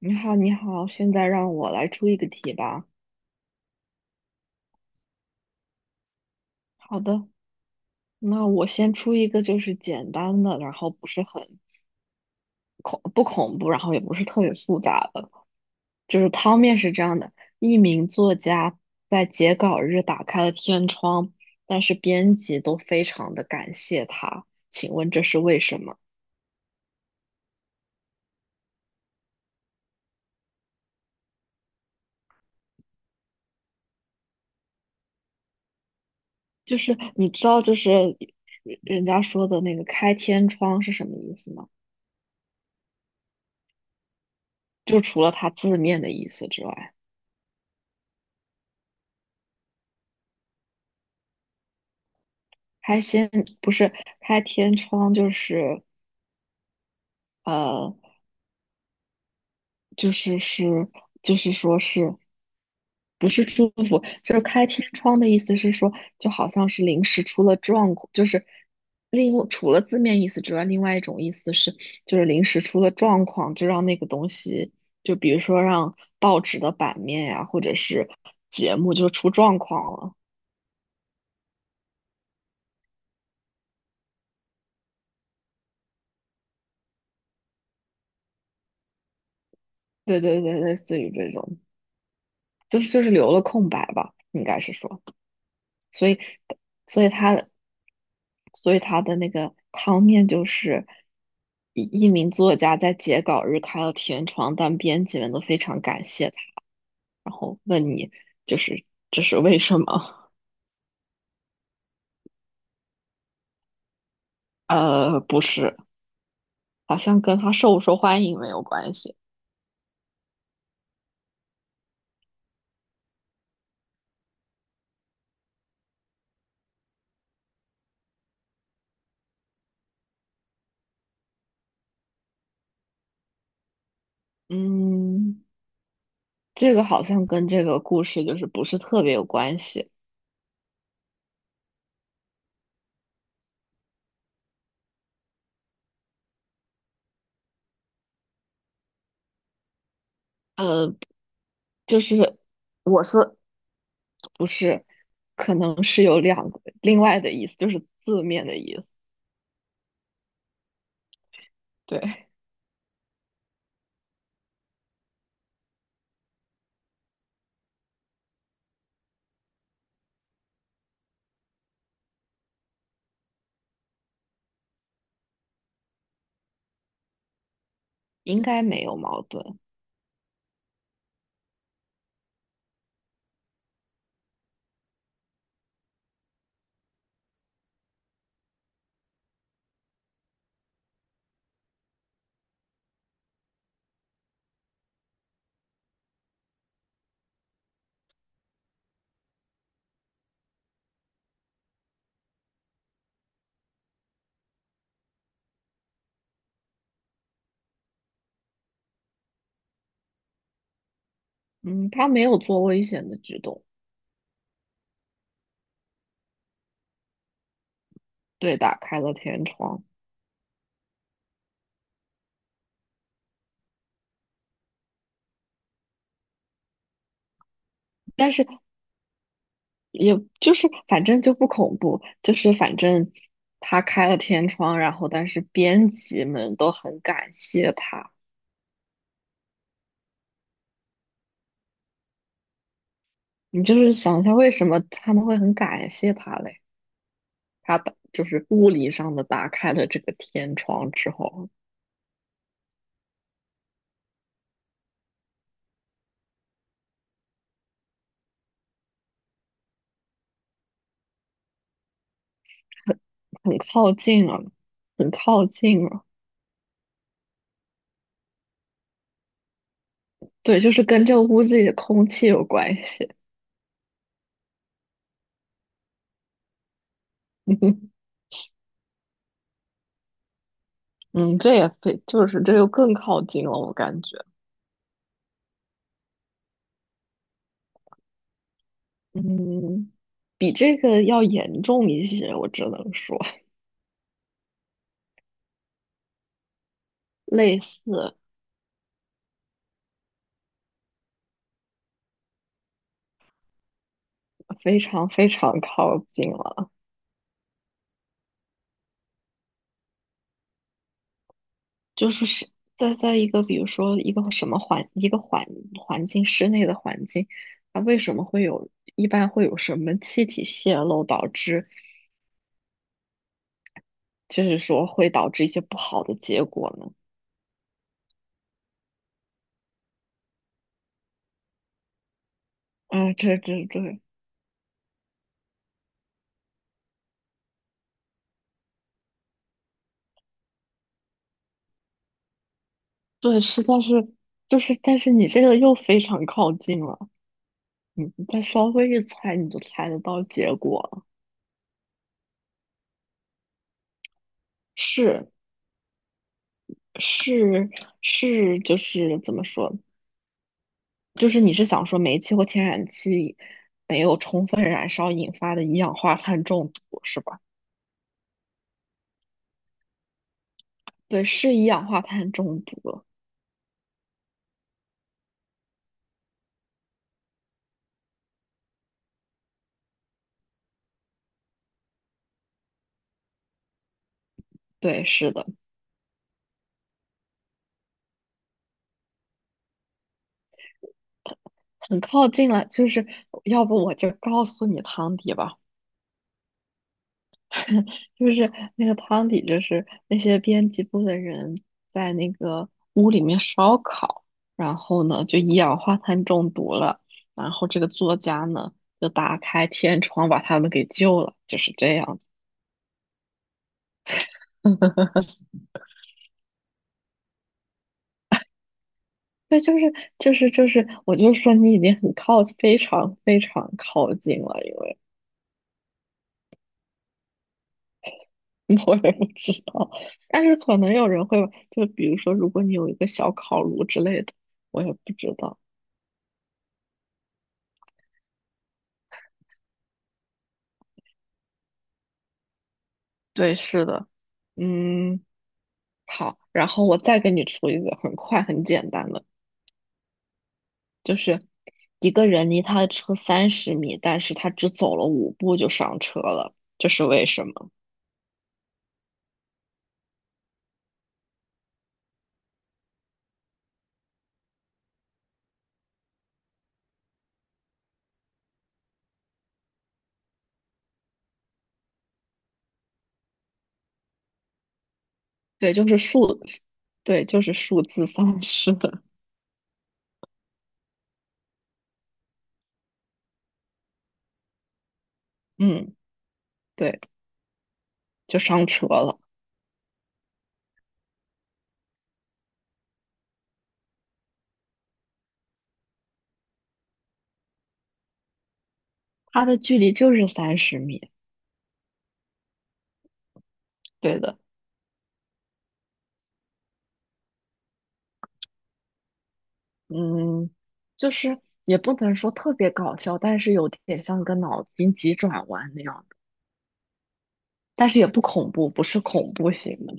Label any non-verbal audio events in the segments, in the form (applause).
你好，你好，现在让我来出一个题吧。好的，那我先出一个，就是简单的，然后不是很恐不恐怖，然后也不是特别复杂的。就是汤面是这样的：一名作家在截稿日打开了天窗，但是编辑都非常的感谢他。请问这是为什么？就是你知道，就是人家说的那个开天窗是什么意思吗？就除了它字面的意思之外。开先不是开天窗，就是呃，就是就是说是不是祝福？就是开天窗的意思是说，就好像是临时出了状况，就是另除了字面意思之外，另外一种意思是，就是临时出了状况，就让那个东西，就比如说让报纸的版面呀、或者是节目就出状况了。对对对，类似于这种，就是留了空白吧，应该是说。所以所以他，所以他的那个汤面就是一名作家在截稿日开了天窗，但编辑们都非常感谢他，然后问你就是这是为什么？不是，好像跟他受不受欢迎没有关系。嗯，这个好像跟这个故事就是不是特别有关系。呃，就是我说不是，可能是有两个另外的意思，就是字面的意思。对，应该没有矛盾。嗯，他没有做危险的举动，对，打开了天窗，但是也就是反正就不恐怖，就是反正他开了天窗，然后但是编辑们都很感谢他。你就是想一下，为什么他们会很感谢他嘞？就是物理上的打开了这个天窗之后。很很靠近了，很靠近了。对，就是跟这个屋子里的空气有关系。(laughs) 嗯嗯，这也非就是这又更靠近了，我感觉，嗯，比这个要严重一些，我只能说类似，非常非常靠近了，就是在一个比如说一个什么环一个环环境室内的环境，它为什么会有一般会有什么气体泄漏导致就是说会导致一些不好的结果呢？啊，这对对是，但是就是，但是你这个又非常靠近了，你再稍微一猜，你就猜得到结果了。是是是，就是怎么说？就是你是想说煤气或天然气没有充分燃烧引发的一氧化碳中毒是吧？对，是一氧化碳中毒。对，是的，很靠近了。就是要不我就告诉你汤底吧。就是那个汤底，就是那些编辑部的人在那个屋里面烧烤，然后呢就一氧化碳中毒了，然后这个作家呢就打开天窗把他们给救了，就是这样。(laughs) 对，就是，我就说你已经非常非常靠近了，因为 (laughs) 我也不知道，但是可能有人会，就比如说，如果你有一个小烤炉之类的，我也不知道。对，是的，嗯。好，然后我再给你出一个很快很简单的，就是一个人离他的车三十米，但是他只走了五步就上车了，这是为什么？对，就是数，对，就是数字三十。(laughs) 嗯，对，就上车了。它的距离就是三十米，对的。嗯，就是也不能说特别搞笑，但是有点像个脑筋急转弯那样的，但是也不恐怖，不是恐怖型的。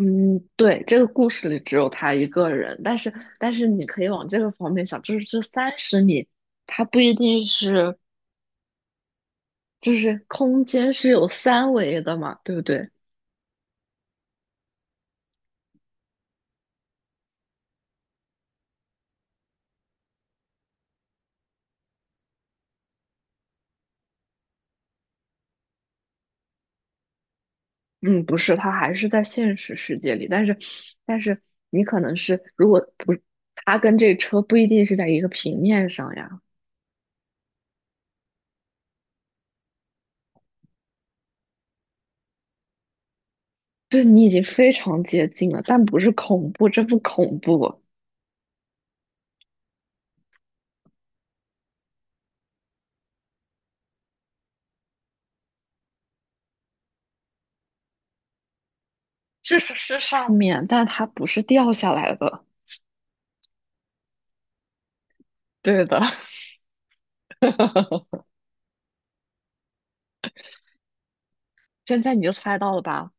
嗯，对，这个故事里只有他一个人，但是但是你可以往这个方面想，就是这三十米，它不一定是就是空间是有三维的嘛，对不对？嗯，不是，它还是在现实世界里，但是你可能是如果不，它跟这车不一定是在一个平面上呀，对你已经非常接近了，但不是恐怖，这不恐怖，这是上面，但它不是掉下来的，对的。(laughs) 现在你就猜到了吧？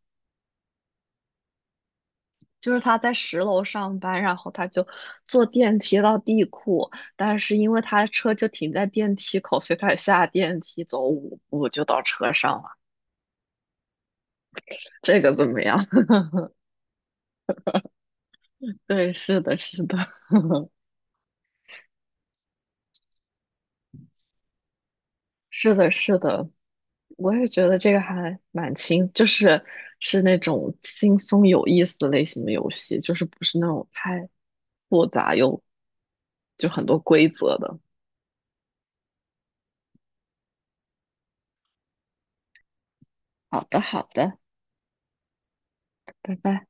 就是他在10楼上班，然后他就坐电梯到地库，但是因为他的车就停在电梯口，所以他下电梯走五步就到车上了。这个怎么样？(laughs) 对，是的，是的，(laughs) 是的，是的，我也觉得这个还蛮轻，是那种轻松有意思类型的游戏，就是不是那种太复杂又就很多规则的。好的，好的，拜拜。